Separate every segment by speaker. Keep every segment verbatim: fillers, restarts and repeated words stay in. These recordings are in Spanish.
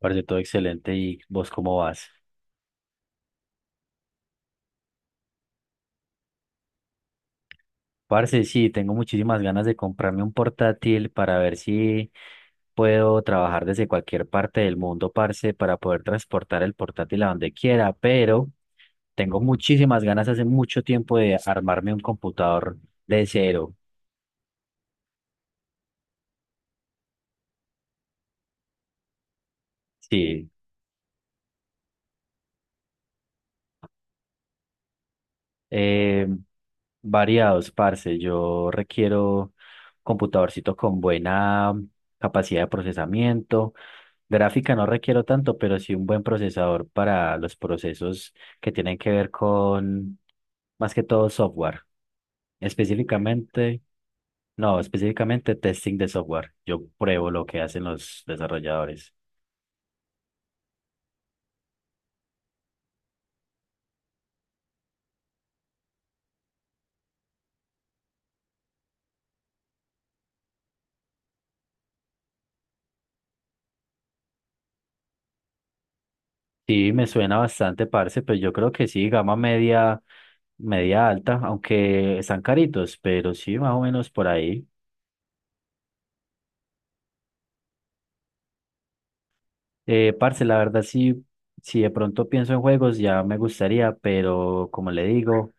Speaker 1: Parce, todo excelente. ¿Y vos cómo vas? Parce, sí, tengo muchísimas ganas de comprarme un portátil para ver si puedo trabajar desde cualquier parte del mundo, parce, para poder transportar el portátil a donde quiera, pero tengo muchísimas ganas hace mucho tiempo de armarme un computador de cero. Sí, eh, variados, parce. Yo requiero computadorcito con buena capacidad de procesamiento. Gráfica no requiero tanto, pero sí un buen procesador para los procesos que tienen que ver con, más que todo, software. Específicamente, no, específicamente testing de software. Yo pruebo lo que hacen los desarrolladores. Sí, me suena bastante, parce, pero yo creo que sí, gama media, media alta, aunque están caritos, pero sí, más o menos por ahí. Eh, parce, la verdad sí, si de pronto pienso en juegos ya me gustaría, pero como le digo,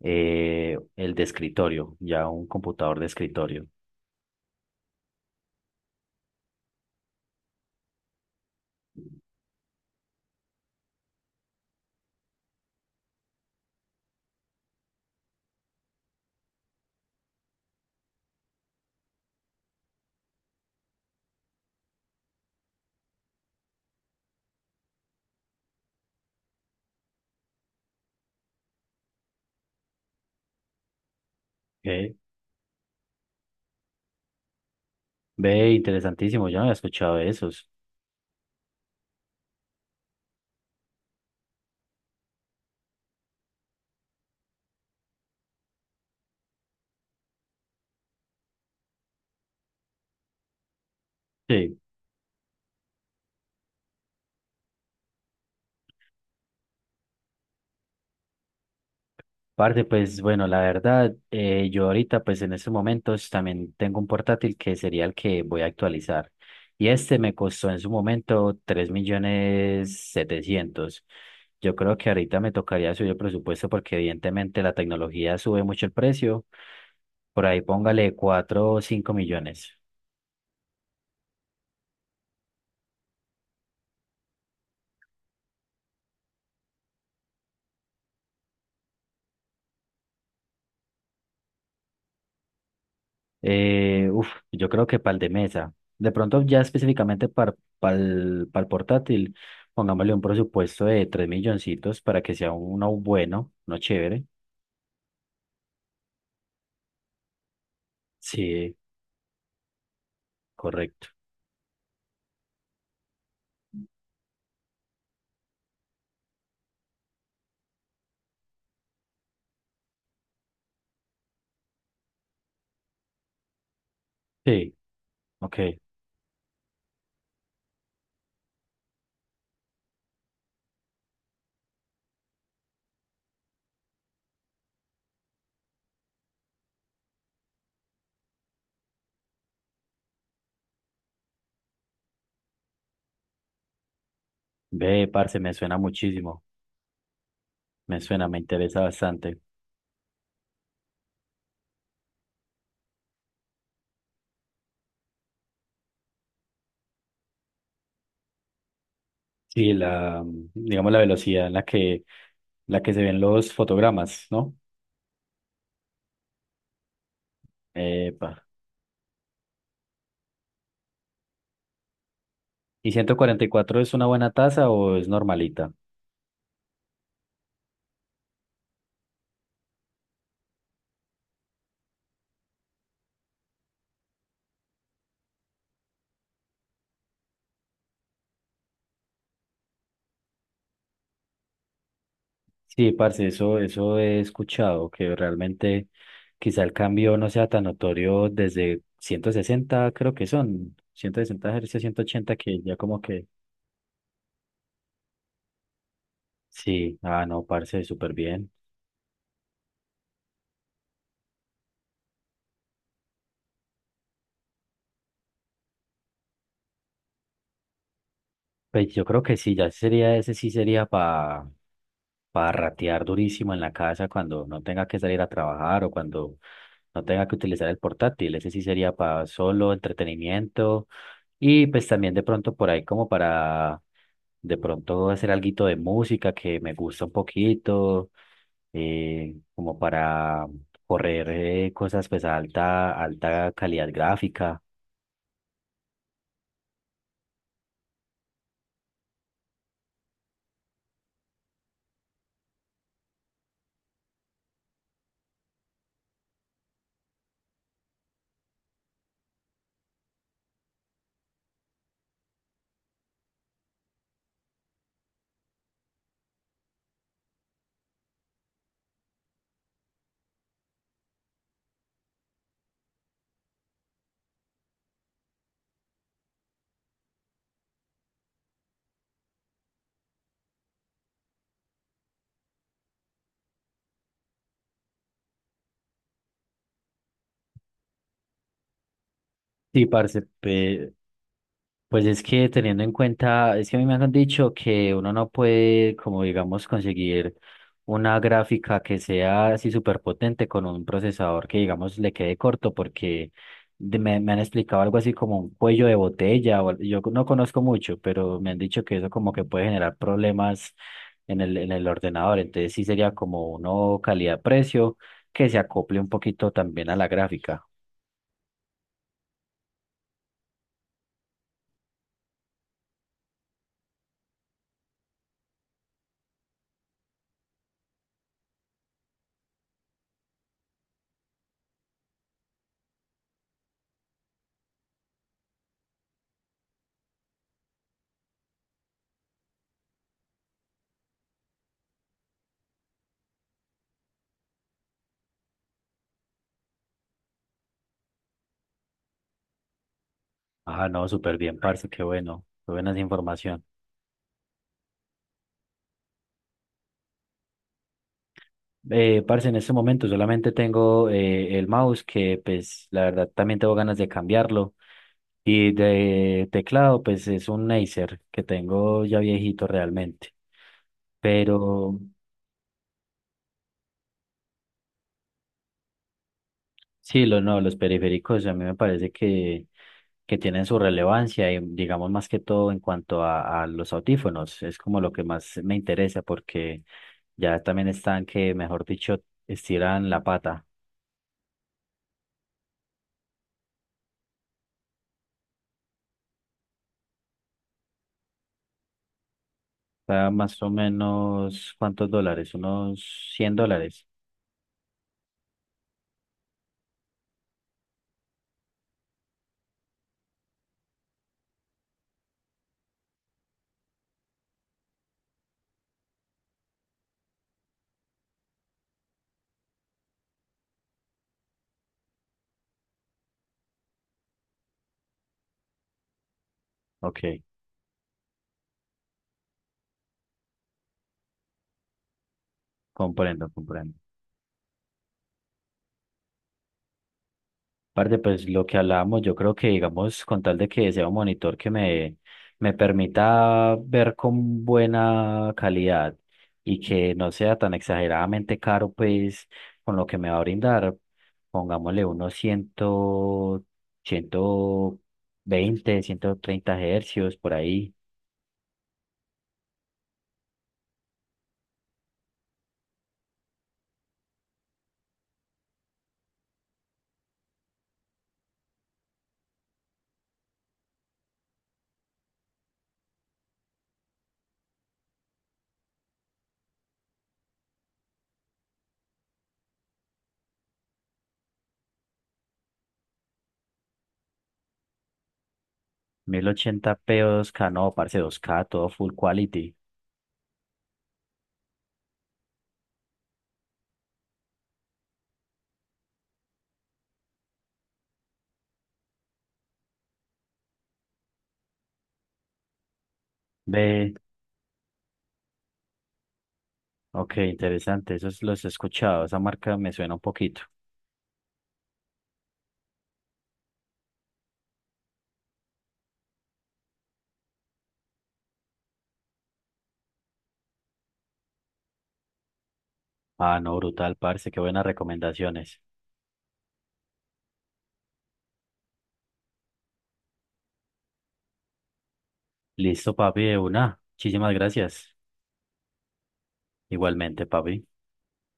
Speaker 1: eh, el de escritorio, ya un computador de escritorio. Ok. Ve, interesantísimo, yo no había escuchado de esos. Sí. Parte pues bueno, la verdad, eh, yo ahorita pues en estos momentos también tengo un portátil que sería el que voy a actualizar. Y este me costó en su momento tres millones setecientos. Yo creo que ahorita me tocaría subir el presupuesto porque evidentemente la tecnología sube mucho el precio. Por ahí póngale cuatro o cinco millones. Eh, uf, yo creo que para el de mesa. De pronto, ya específicamente para el portátil, pongámosle un presupuesto de tres milloncitos para que sea uno bueno, uno chévere. Sí, correcto. Sí, ok. Ve, parce, me suena muchísimo. Me suena, me interesa bastante. Sí, la, digamos, la velocidad en la que, la que se ven los fotogramas, ¿no? Epa. ¿Y ciento cuarenta y cuatro es una buena tasa o es normalita? Sí, parce, eso, eso he escuchado, que realmente quizá el cambio no sea tan notorio desde ciento sesenta creo que son, ciento sesenta hercios Hz, ciento ochenta que ya como que, sí, ah, no, parce, súper bien. Pues yo creo que sí, ya sería, ese sí sería para para ratear durísimo en la casa cuando no tenga que salir a trabajar o cuando no tenga que utilizar el portátil. Ese sí sería para solo entretenimiento. Y pues también de pronto por ahí como para de pronto hacer alguito de música que me gusta un poquito, eh, como para correr eh, cosas pues a alta, alta calidad gráfica. Sí, parce, pe- Pues es que teniendo en cuenta, es que a mí me han dicho que uno no puede, como digamos, conseguir una gráfica que sea así súper potente con un procesador que, digamos, le quede corto, porque de- me, me han explicado algo así como un cuello de botella, o, al- yo no conozco mucho, pero me han dicho que eso como que puede generar problemas en el, en el ordenador, entonces sí sería como uno calidad-precio que se acople un poquito también a la gráfica. Ah, no, súper bien, parce, qué bueno, qué buena esa información. Eh, parce, en este momento solamente tengo eh, el mouse que pues la verdad también tengo ganas de cambiarlo y de teclado pues es un Acer que tengo ya viejito realmente. Pero sí, lo, no, los periféricos a mí me parece que, que tienen su relevancia y digamos más que todo en cuanto a, a los audífonos, es como lo que más me interesa porque ya también están que, mejor dicho, estiran la pata. Está más o menos, ¿cuántos dólares? Unos cien dólares. Ok, comprendo, comprendo. Aparte, pues lo que hablábamos, yo creo que, digamos, con tal de que sea un monitor que me, me permita ver con buena calidad y que no sea tan exageradamente caro, pues con lo que me va a brindar, pongámosle unos cien, ciento veinte ciento treinta hercios por ahí. mil ochenta p o dos k, no, parce, dos k, todo full quality. Ve, ok, interesante, esos los he escuchado, esa marca me suena un poquito. Ah, no, brutal, parce, qué buenas recomendaciones. Listo, papi, de una. Muchísimas gracias. Igualmente, papi.